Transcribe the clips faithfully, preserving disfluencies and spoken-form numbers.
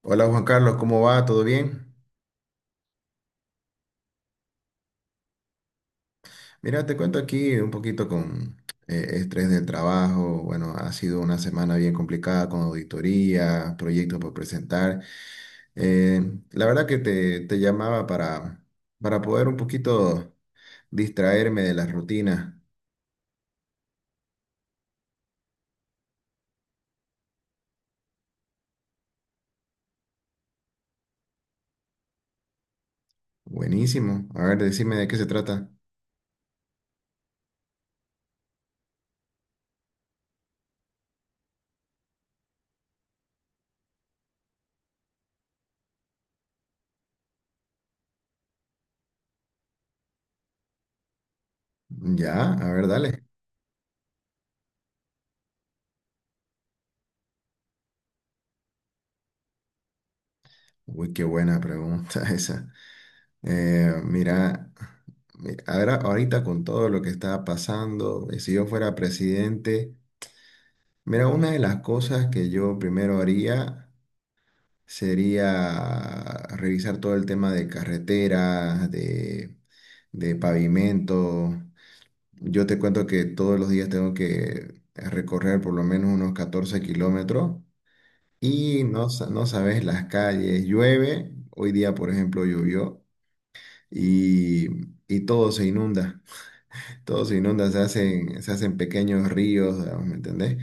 Hola Juan Carlos, ¿cómo va? ¿Todo bien? Mira, te cuento aquí un poquito con eh, estrés del trabajo. Bueno, ha sido una semana bien complicada con auditoría, proyectos por presentar. Eh, la verdad que te, te llamaba para, para poder un poquito distraerme de la rutina. Buenísimo. A ver, decime de qué se trata. Ya, a ver, dale. Uy, qué buena pregunta esa. Eh, mira, mira, ahora, ahorita con todo lo que está pasando, eh, si yo fuera presidente, mira, una de las cosas que yo primero haría sería revisar todo el tema de carreteras, de, de pavimento. Yo te cuento que todos los días tengo que recorrer por lo menos unos catorce kilómetros y no, sa- no sabes las calles, llueve, hoy día por ejemplo llovió y, y todo se inunda. Todo se inunda, se hacen, se hacen pequeños ríos, digamos, ¿me entendés?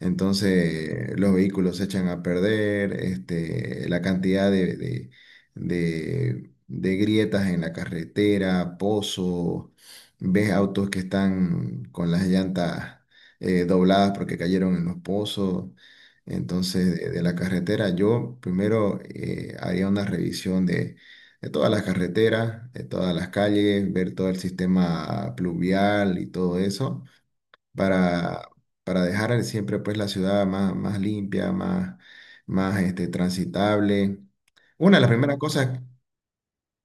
Entonces los vehículos se echan a perder, este, la cantidad de, de, de- de grietas en la carretera, pozos, ves autos que están con las llantas eh, dobladas porque cayeron en los pozos. Entonces, de, de la carretera, yo primero eh, haría una revisión de todas las carreteras, de todas las calles, ver todo el sistema pluvial y todo eso, para, para dejar siempre pues la ciudad más, más limpia, más, más este, transitable. Una de las primeras cosas,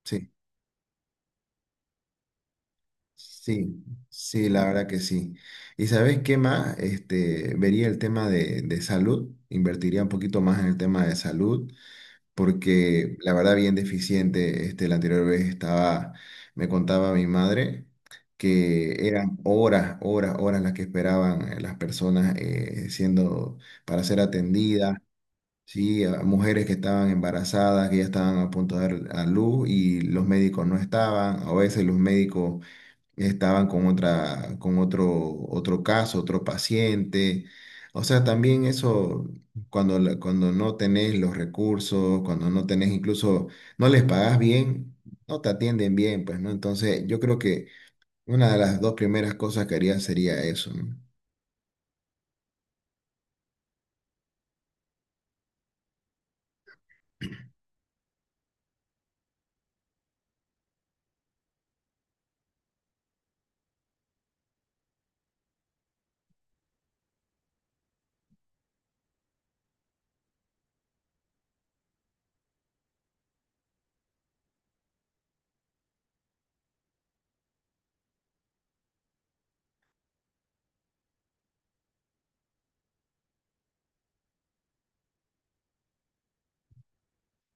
sí, sí, sí, la verdad que sí. ¿Y sabes qué más? Este, vería el tema de, de salud, invertiría un poquito más en el tema de salud porque la verdad bien deficiente, este, la anterior vez estaba, me contaba mi madre que eran horas, horas, horas las que esperaban eh, las personas eh, siendo, para ser atendidas, sí, a mujeres que estaban embarazadas, que ya estaban a punto de dar a luz y los médicos no estaban, a veces los médicos estaban con otra, con otro, otro caso, otro paciente. O sea, también eso, cuando, la- cuando no tenés los recursos, cuando no tenés incluso, no les pagás bien, no te atienden bien, pues, ¿no? Entonces, yo creo que una de las dos primeras cosas que haría sería eso, ¿no?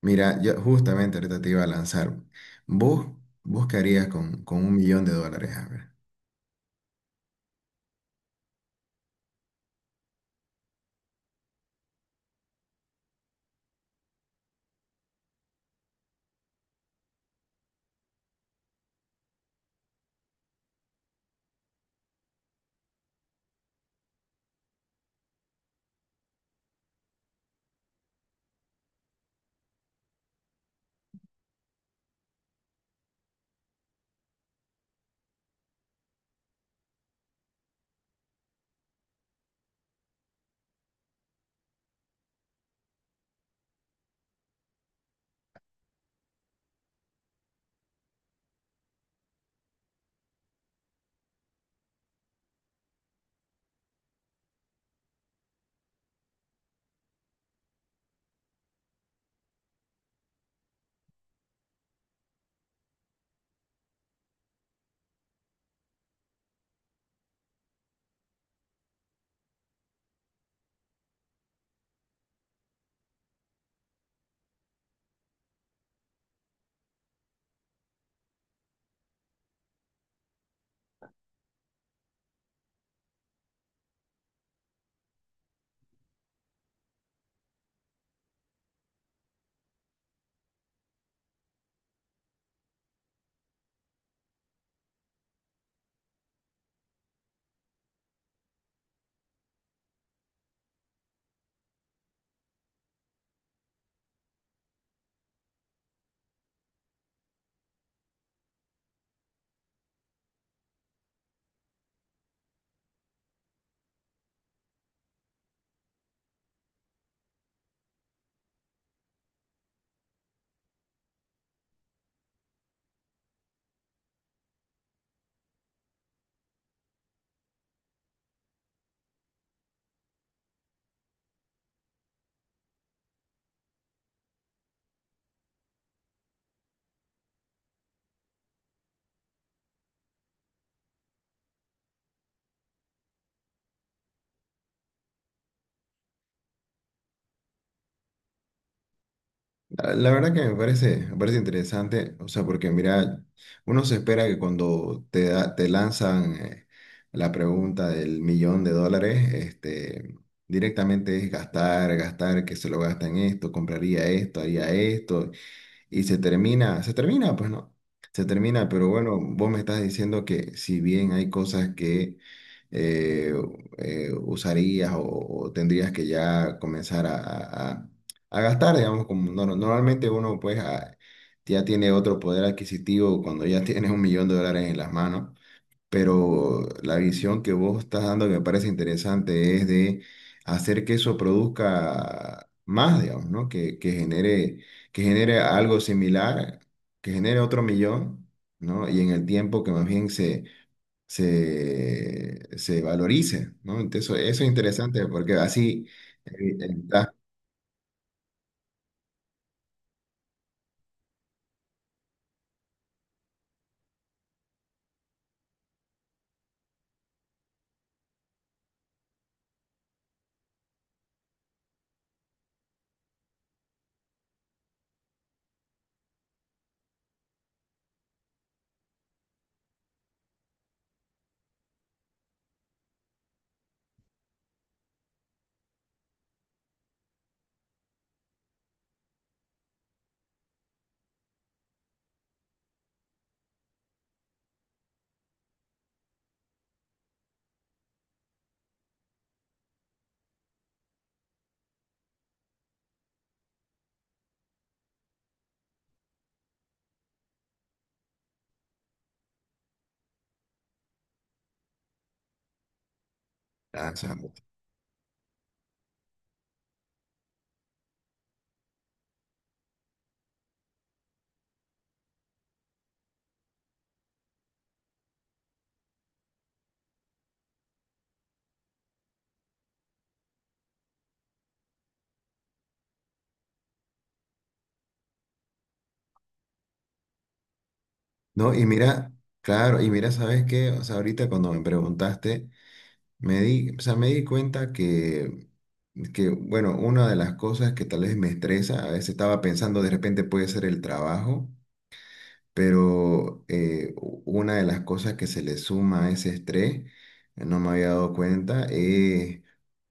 Mira, yo justamente ahorita te iba a lanzar. ¿Vos, vos qué harías con, con un millón de dólares? A ver. La la verdad que me parece, me parece interesante, o sea, porque mira, uno se espera que cuando te, da- te lanzan eh, la pregunta del millón de dólares, este, directamente es gastar, gastar, que se lo gasta en esto, compraría esto, haría esto, y se termina, se termina, pues no, se termina, pero bueno, vos me estás diciendo que si bien hay cosas que eh, eh, usarías o, o tendrías que ya comenzar a, a- a- a gastar, digamos, como no- normalmente uno pues a- ya tiene otro poder adquisitivo cuando ya tienes un millón de dólares en las manos pero la visión que vos estás dando que me parece interesante es de hacer que eso produzca más, digamos, ¿no? Que, que genere, que genere algo similar, que genere otro millón, ¿no? Y en el tiempo que más bien se, se, se valorice, ¿no? Entonces, eso, eso es interesante porque así evi- evitas lanzar, ¿no? Y mira, claro, y mira, ¿sabes qué? O sea, ahorita cuando me preguntaste. Me di, o sea, me di cuenta que, que, bueno, una de las cosas que tal vez me estresa, a veces estaba pensando de repente puede ser el trabajo, pero eh, u- una de las cosas que se le suma a ese estrés, eh, no me había dado cuenta, es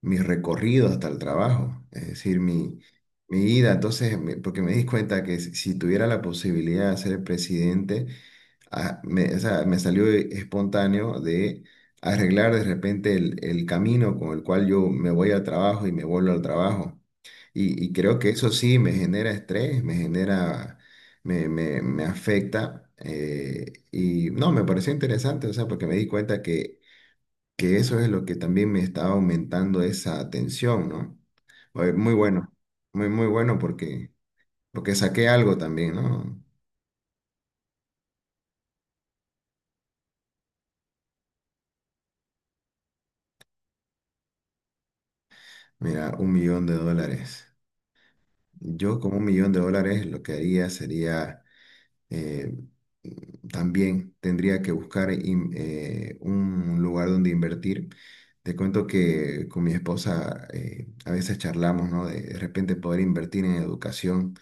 mi recorrido hasta el trabajo, es decir, mi, mi ida. Entonces, me- porque me di cuenta que si si tuviera la posibilidad de ser presidente, a- me, o sea, me salió espontáneo de arreglar de repente el, el camino con el cual yo me voy al trabajo y me vuelvo al trabajo. Y, y creo que eso sí me genera estrés, me genera, me, me, me afecta. Eh, y no, me pareció interesante, o sea, porque me di cuenta que, que eso es lo que también me estaba aumentando esa tensión, ¿no? Oye, muy bueno, muy, muy bueno porque, porque saqué algo también, ¿no? Mira, un millón de dólares. Yo con un millón de dólares lo que haría sería, eh, también tendría que buscar in- eh, un lugar donde invertir. Te cuento que con mi esposa eh, a veces charlamos, ¿no? De, de repente poder invertir en educación,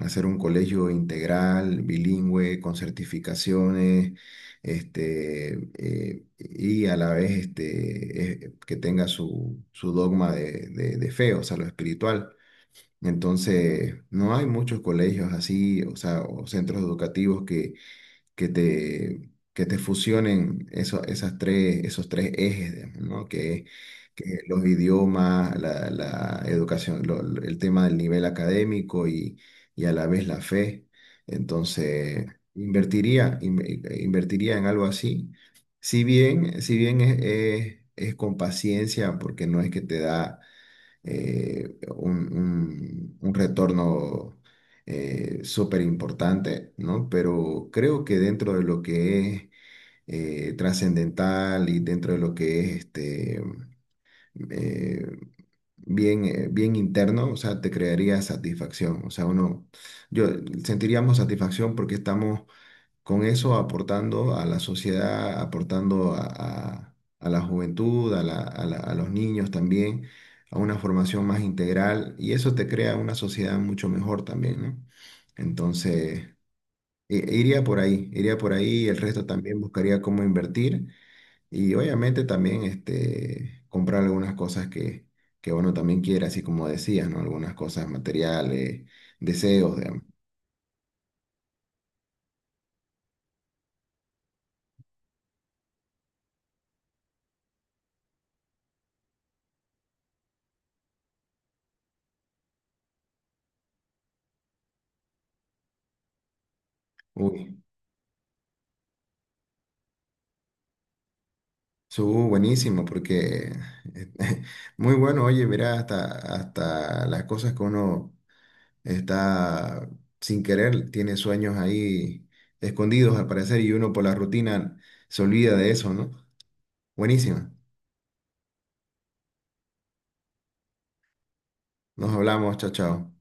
hacer un colegio integral, bilingüe, con certificaciones, este, eh, y a la vez este, eh, que tenga su, su dogma de, de, de fe, o sea, lo espiritual. Entonces, no hay muchos colegios así, o sea, o centros educativos que, que te, que te fusionen eso- esas tres, esos tres ejes, digamos, ¿no? Que, que los idiomas, la, la educación, lo- lo- el tema del nivel académico y, y a la vez la fe. Entonces, invertiría, in- invertiría en algo así. Si bien, si bien es, es es con paciencia, porque no es que te da eh, un, un- un retorno súper importante, ¿no? Pero creo que dentro de lo que es eh, trascendental y dentro de lo que es este, eh, bien, eh, bien interno, o sea, te crearía satisfacción, o sea, uno, yo sentiríamos satisfacción porque estamos con eso aportando a la sociedad, aportando a, a- a la juventud, a, la- a la- a los niños también, a una formación más integral y eso te crea una sociedad mucho mejor también, ¿no? Entonces, i- iría por ahí, iría por ahí, el resto también buscaría cómo invertir y obviamente también este, comprar algunas cosas que, que uno también quiere, así como decías, ¿no? Algunas cosas materiales, deseos, digamos. Uy, Su, buenísimo, porque eh, muy bueno, oye, mira, hasta, hasta las cosas que uno está sin querer, tiene sueños ahí escondidos al parecer y uno por la rutina se olvida de eso, ¿no? Buenísimo. Nos hablamos, chao, chao.